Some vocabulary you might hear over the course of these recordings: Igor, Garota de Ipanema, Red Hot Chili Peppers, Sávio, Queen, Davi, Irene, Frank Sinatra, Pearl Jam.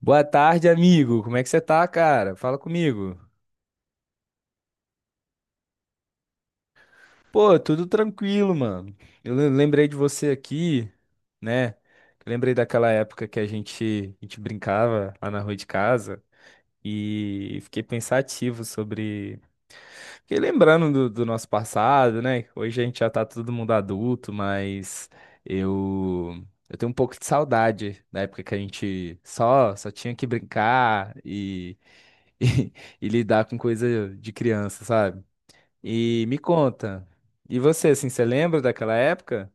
Boa tarde, amigo. Como é que você tá, cara? Fala comigo. Pô, tudo tranquilo, mano. Lembrei de você aqui, né? Eu lembrei daquela época que a gente brincava lá na rua de casa e fiquei pensativo sobre. Fiquei lembrando do nosso passado, né? Hoje a gente já tá todo mundo adulto, mas eu. Eu tenho um pouco de saudade da época que a gente só tinha que brincar e, e lidar com coisa de criança, sabe? E me conta, e você, assim, você lembra daquela época?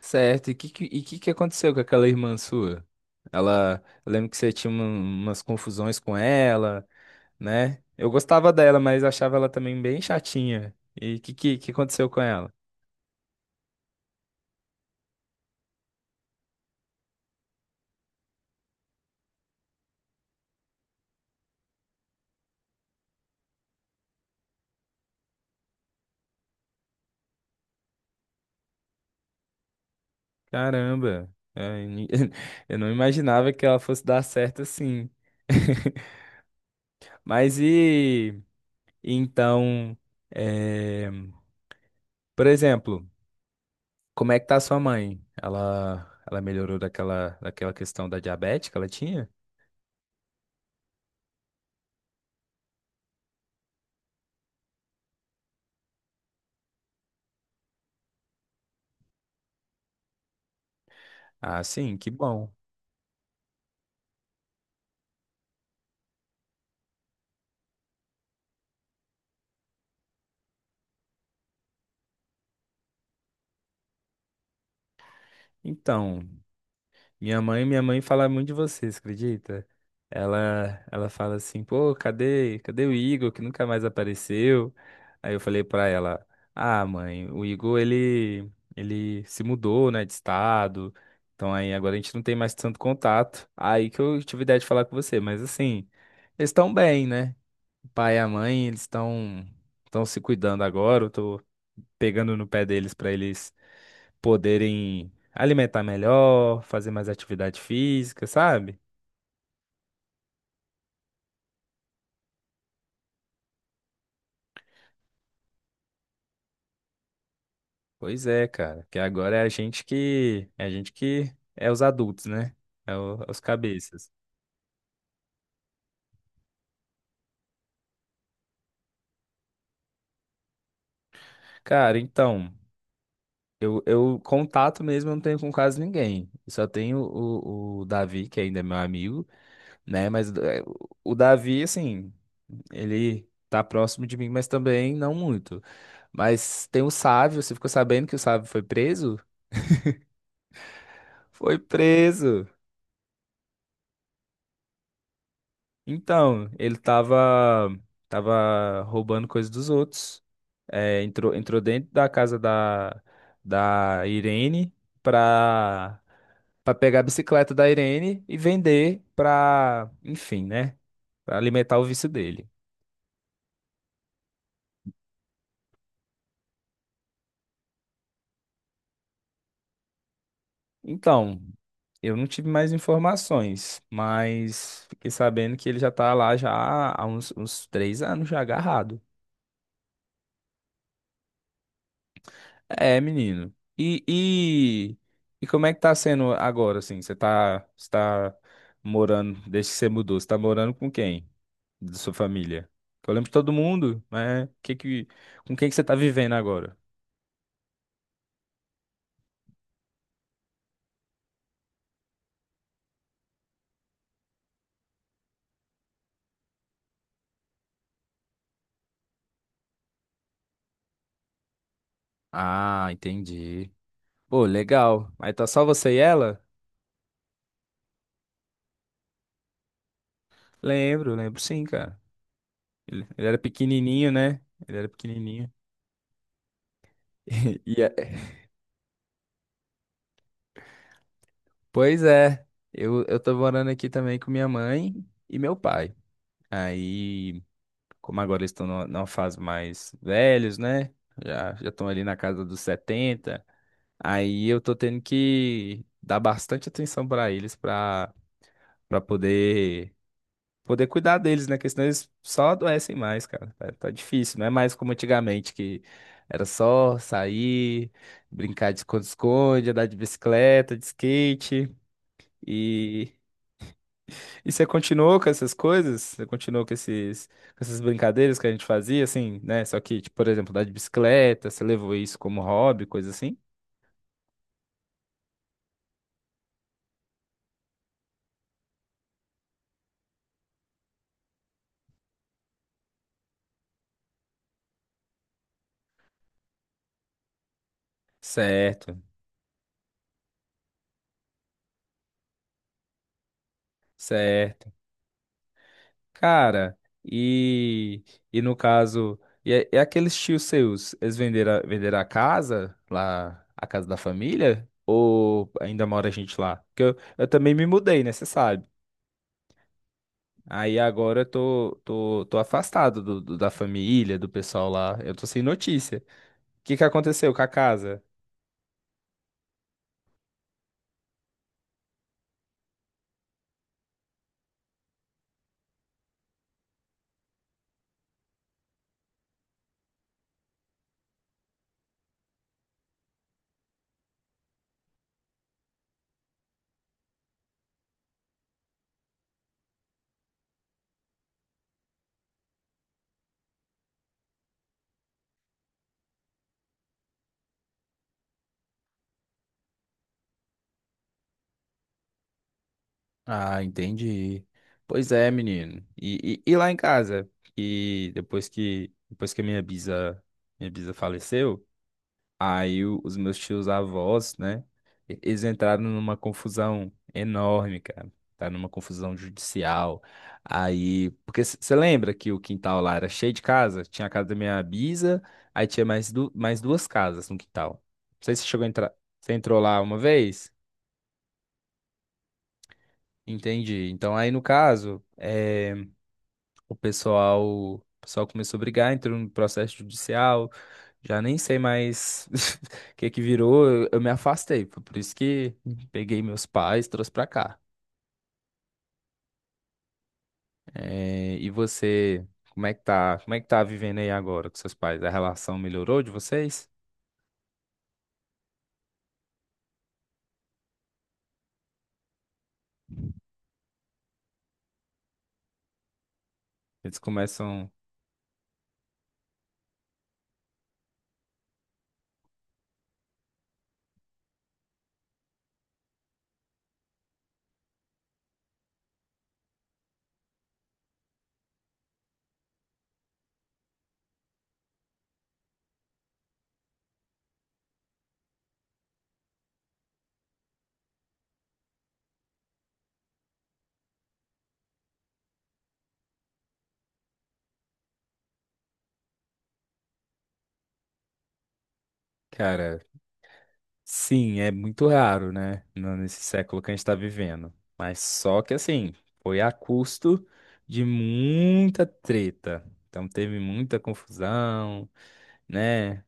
Certo, e que que aconteceu com aquela irmã sua? Ela, eu lembro que você tinha umas confusões com ela, né? Eu gostava dela, mas achava ela também bem chatinha. E que aconteceu com ela? Caramba, é, eu não imaginava que ela fosse dar certo assim. Mas então, é, por exemplo, como é que tá a sua mãe? Ela melhorou daquela questão da diabetes que ela tinha? Ah, sim, que bom. Então, minha mãe fala muito de vocês, acredita? Ela fala assim, pô, cadê o Igor que nunca mais apareceu? Aí eu falei pra ela, ah, mãe, o Igor, ele se mudou, né, de estado. Então aí agora a gente não tem mais tanto contato. Aí que eu tive a ideia de falar com você, mas assim, eles estão bem, né? O pai e a mãe, eles estão se cuidando agora. Eu tô pegando no pé deles para eles poderem alimentar melhor, fazer mais atividade física, sabe? Pois é, cara, que agora é a gente que é a gente que é os adultos, né? É, é os cabeças. Cara, então, eu contato mesmo eu não tenho com quase ninguém. Eu só tenho o Davi, que ainda é meu amigo, né? Mas é, o Davi, assim, ele tá próximo de mim, mas também não muito. Mas tem o Sávio, você ficou sabendo que o Sávio foi preso? Foi preso. Então, ele tava roubando coisas dos outros. É, entrou dentro da casa da Irene pra, pra pegar a bicicleta da Irene e vender pra, enfim, né? Pra alimentar o vício dele. Então, eu não tive mais informações, mas fiquei sabendo que ele já tá lá já há uns 3 anos já agarrado. É, menino. E como é que tá sendo agora, assim? Você tá morando, desde que você mudou, você tá morando com quem? Da sua família? Que eu lembro de todo mundo, mas com quem que você tá vivendo agora? Ah, entendi. Pô, legal. Aí tá só você e ela? Lembro, lembro sim, cara. Ele era pequenininho, né? Ele era pequenininho. E é- Pois é, eu tô morando aqui também com minha mãe e meu pai. Aí, como agora eles estão numa fase mais velhos, né? Já estão ali na casa dos 70. Aí eu tô tendo que dar bastante atenção pra eles pra para poder poder cuidar deles, né? Porque senão eles só adoecem mais, cara. Tá difícil, não é mais como antigamente, que era só sair, brincar de esconde-esconde, andar de bicicleta, de skate. E, e você continuou com essas coisas? Você continuou com essas brincadeiras que a gente fazia, assim, né? Só que, tipo, por exemplo, andar de bicicleta, você levou isso como hobby, coisa assim? Certo, certo. Cara, e, e no caso, e, é- é aqueles tios seus, eles venderam, venderam a casa lá, a casa da família? Ou ainda mora a gente lá? Porque eu também me mudei, né? Você sabe. Aí agora eu tô afastado da família, do pessoal lá. Eu tô sem notícia. O que que aconteceu com a casa? Ah, entendi. Pois é, menino. E lá em casa? E depois que a minha bisa faleceu. Aí os meus tios avós, né? Eles entraram numa confusão enorme, cara. Tá numa confusão judicial. Aí, porque você lembra que o quintal lá era cheio de casa? Tinha a casa da minha bisa, aí tinha mais duas casas no quintal. Não sei se você chegou a entrar. Você entrou lá uma vez? Entendi. Então, aí no caso, o pessoal, o pessoal começou a brigar, entrou no processo judicial, já nem sei mais o que que virou, eu me afastei, foi por isso que peguei meus pais, trouxe pra cá. Eh, e você, como é que tá, como é que tá vivendo aí agora com seus pais? A relação melhorou de vocês? Eles começam, cara, sim, é muito raro, né? Nesse século que a gente está vivendo. Mas só que assim, foi a custo de muita treta. Então teve muita confusão, né?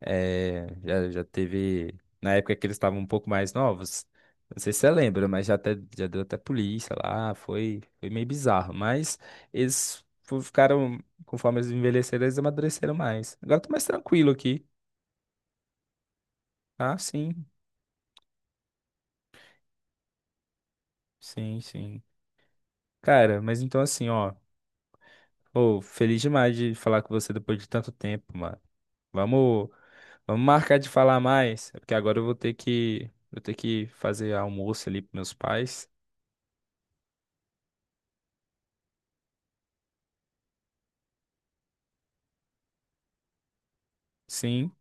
É, já teve. Na época que eles estavam um pouco mais novos. Não sei se você lembra, mas já deu até polícia lá. Foi meio bizarro. Mas eles ficaram, conforme eles envelheceram, eles amadureceram mais. Agora eu tô mais tranquilo aqui. Ah, sim. Cara, mas então assim, ó. Ô, feliz demais de falar com você depois de tanto tempo, mano. Vamos, vamos marcar de falar mais, porque agora eu vou ter que fazer almoço ali pros meus pais. Sim.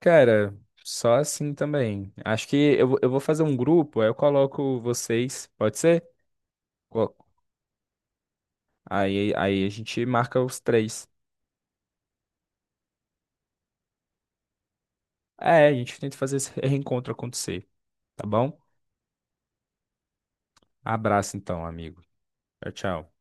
Cara, só assim também. Acho que eu vou fazer um grupo, aí eu coloco vocês, pode ser? Co- aí a gente marca os três. É, a gente tenta fazer esse reencontro acontecer, tá bom? Abraço então, amigo. Tchau, tchau.